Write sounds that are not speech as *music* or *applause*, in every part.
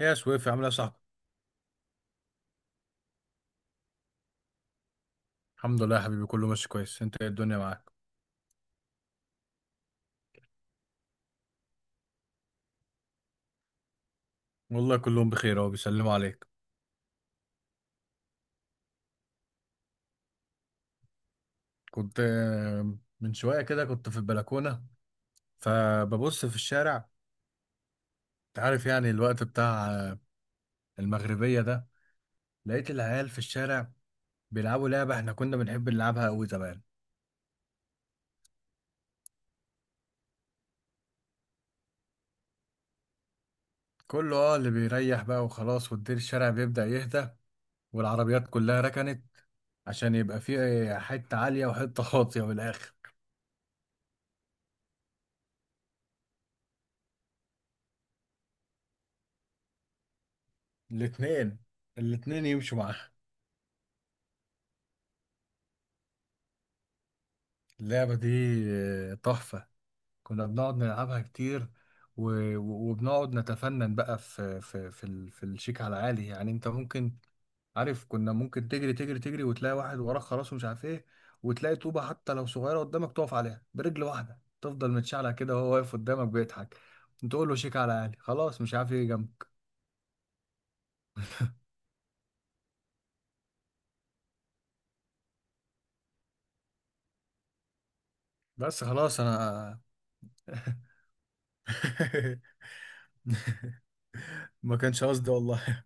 يا سويف، عامل ايه يا صاحبي؟ الحمد لله يا حبيبي، كله ماشي كويس. انت ايه الدنيا معاك؟ والله كلهم بخير، اهو بيسلموا عليك. كنت من شويه كده كنت في البلكونه، فببص في الشارع. انت عارف يعني الوقت بتاع المغربيه ده، لقيت العيال في الشارع بيلعبوا لعبه احنا كنا بنحب نلعبها قوي زمان. كله اللي بيريح بقى وخلاص، والدير الشارع بيبدأ يهدى، والعربيات كلها ركنت، عشان يبقى فيه حته عاليه وحته *laughs* واطيه من الاخر. الاتنين، الاتنين يمشوا معاها. اللعبة دي تحفة، كنا بنقعد نلعبها كتير. و- و- وبنقعد نتفنن بقى في الشيك على عالي. يعني انت ممكن، عارف، كنا ممكن تجري تجري تجري وتلاقي واحد وراك خلاص ومش عارف ايه، وتلاقي طوبة حتى لو صغيرة قدامك تقف عليها برجل واحدة، تفضل متشعلع كده وهو واقف قدامك بيضحك، تقول له شيك على عالي خلاص، مش عارف ايه جنبه. بس خلاص انا. *laughs* ما كانش قصدي والله.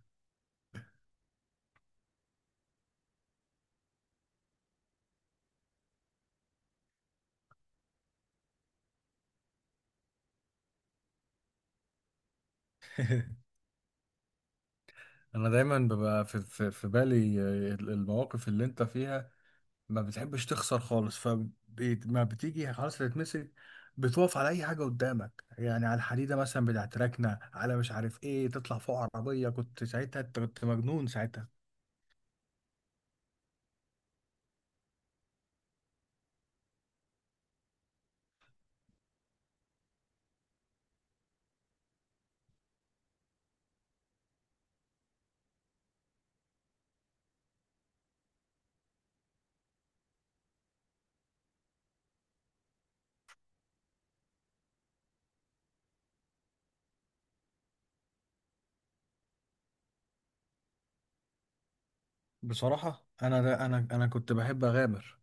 *laughs* انا دايما ببقى في بالي المواقف اللي انت فيها، ما بتحبش تخسر خالص، فما بتيجي خلاص تتمسك، بتوقف على اي حاجه قدامك، يعني على الحديده مثلا بتاعت ركنه، على مش عارف ايه، تطلع فوق عربيه. كنت ساعتها، أنت كنت مجنون ساعتها. بصراحه انا ده انا كنت بحب اغامر،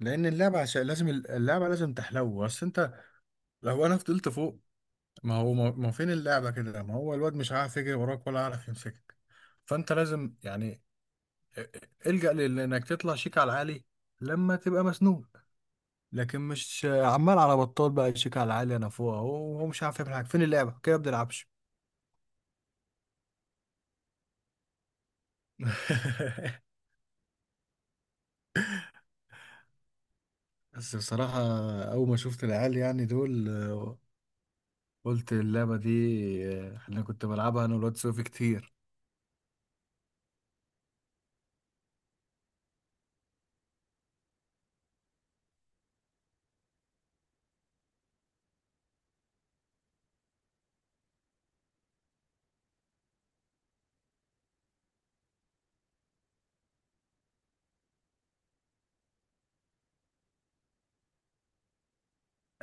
لان اللعبه، عشان لازم اللعبه لازم تحلو. بس انت لو انا فضلت فوق، ما هو ما فين اللعبه كده؟ ما هو الواد مش عارف يجري وراك ولا عارف يمسكك، فانت لازم يعني الجأ لانك تطلع شيك على العالي لما تبقى مسنون. لكن مش عمال على بطال بقى، شيك على العالي انا فوق اهو وهو مش عارف يعمل حاجه، فين اللعبه كده؟ ما بنلعبش. *laughs* بس بصراحه، اول ما شفت العيال يعني دول، قلت اللعبه دي، انا كنت بلعبها انا والواد سوفي كتير.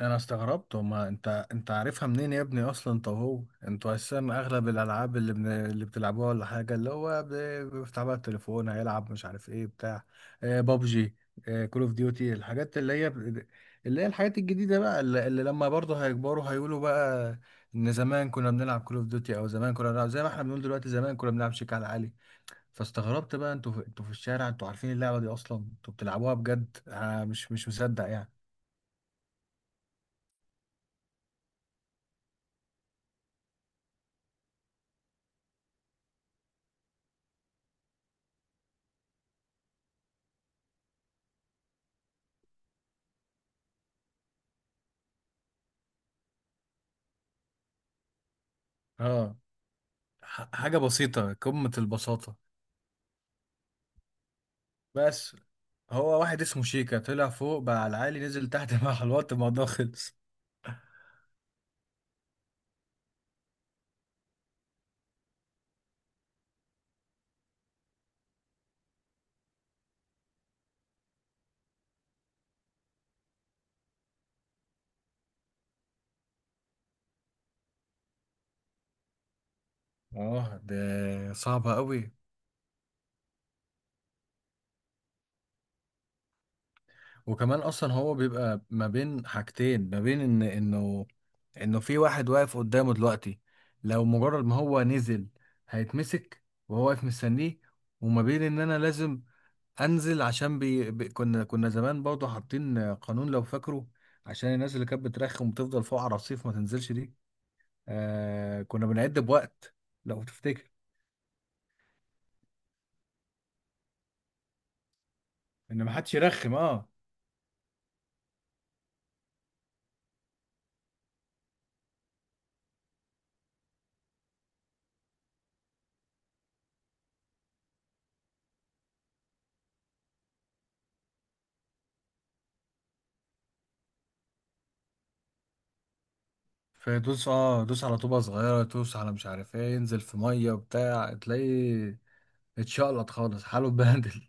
انا استغربت، وما انت عارفها منين يا ابني اصلا؟ طب هو انتوا اساسا اغلب الالعاب اللي بتلعبوها ولا حاجه، اللي هو بيفتح بقى التليفون هيلعب مش عارف ايه بتاع، آه بابجي، آه كول اوف ديوتي، الحاجات اللي هي الحاجات الجديده بقى، اللي لما برضه هيكبروا هيقولوا بقى ان زمان كنا بنلعب كول اوف ديوتي، او زمان كنا بنلعب، زي ما احنا بنقول دلوقتي زمان كنا بنلعب شيك على عالي. فاستغربت بقى، انتوا في الشارع انتوا عارفين اللعبه دي اصلا؟ انتوا بتلعبوها بجد؟ انا مش مصدق يعني. اه، حاجة بسيطة، قمة البساطة. بس هو واحد اسمه شيكا طلع فوق بقى على العالي، نزل تحت، مع الوقت الموضوع خلص. اه، ده صعبة قوي. وكمان اصلا هو بيبقى ما بين حاجتين، ما بين انه انه في واحد واقف قدامه دلوقتي، لو مجرد ما هو نزل هيتمسك وهو واقف مستنيه، وما بين ان انا لازم انزل، عشان كنا زمان برضه حاطين قانون لو فاكره، عشان الناس اللي كانت بترخم وتفضل فوق على الرصيف ما تنزلش دي. آه كنا بنعد بوقت لو تفتكر، ان ما حدش يرخم اه. فدوس، دوس على طوبه صغيره، دوس على مش عارف ايه، ينزل في ميه وبتاع، تلاقيه اتشقلط خالص، حاله اتبهدل.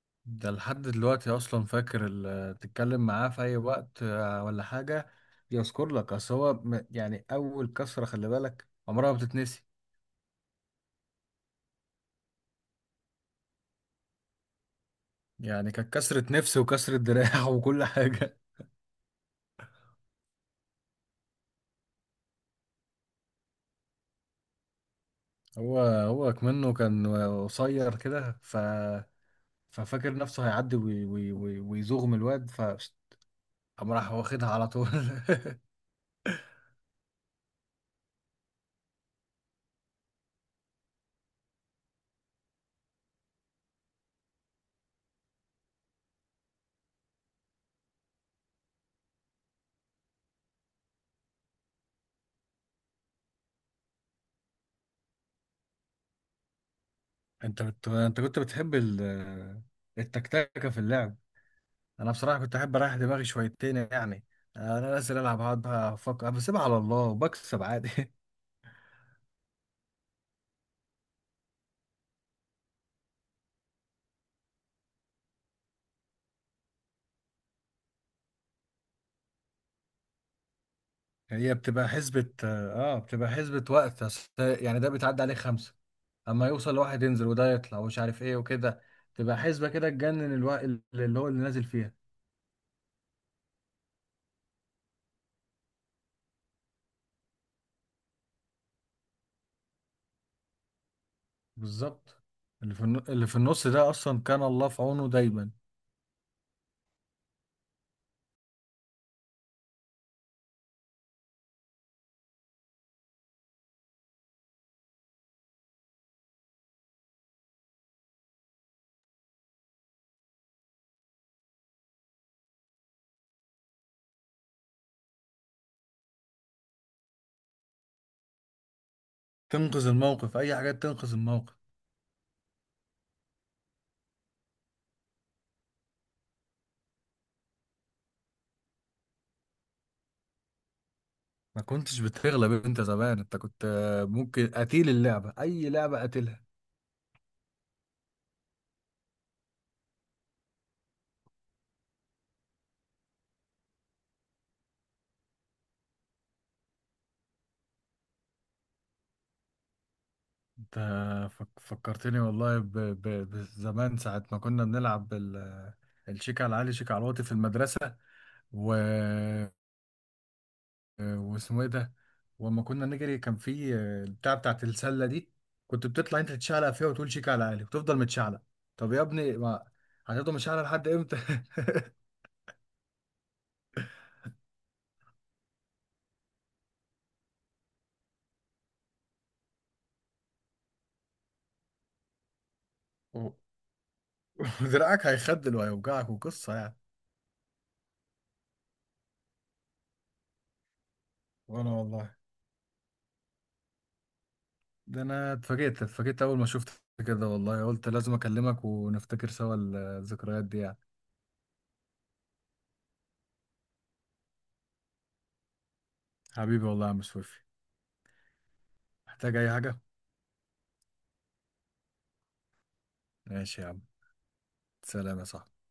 *laughs* ده لحد دلوقتي اصلا فاكر، تتكلم معاه في اي وقت ولا حاجه يذكر لك، اصل هو يعني اول كسره خلي بالك عمرها ما بتتنسي. يعني كانت كسره نفس وكسره دراع *laughs* وكل حاجه. هو كمنه كان قصير كده، ففاكر نفسه هيعدي ويزوغم الواد، قام راح واخدها على طول. *laughs* انت كنت بتحب التكتكه في اللعب. انا بصراحه كنت احب اريح دماغي شويتين يعني، انا نازل العب هقعد بقى افكر؟ بسيبها على الله وبكسب عادي. *laughs* هي بتبقى حسبة، بتبقى حسبة وقت، أصل يعني ده بيتعدى عليه خمسة اما يوصل، واحد ينزل وده يطلع ومش عارف ايه وكده، تبقى حسبة كده تجنن، الوقت اللي هو اللي نازل فيها. بالظبط. اللي في اللي في النص ده اصلا كان الله في عونه دايما، تنقذ الموقف، اي حاجه تنقذ الموقف. ما كنتش بتغلب انت زمان، انت كنت ممكن قتيل اللعبه، اي لعبه قتلها انت. فكرتني والله ب- ب- بزمان ساعه ما كنا بنلعب الشيك على العالي شيك على الواطي في المدرسه. واسمه ايه ده؟ واما كنا نجري كان في البتاع بتاعت السله دي، كنت بتطلع انت تتشعلق فيها وتقول شيك على عالي وتفضل متشعلق. طب يا ابني ما هتفضل متشعلق لحد امتى؟ *laughs* و- ودراعك هيخدل وهيوجعك وقصه يعني. وانا والله، ده انا اتفاجئت اتفاجئت اول ما شفت كده والله، قلت لازم اكلمك ونفتكر سوا الذكريات دي يعني. حبيبي والله يا عم سويفي، محتاج اي حاجه. ماشي يا عم، سلام يا صاحبي.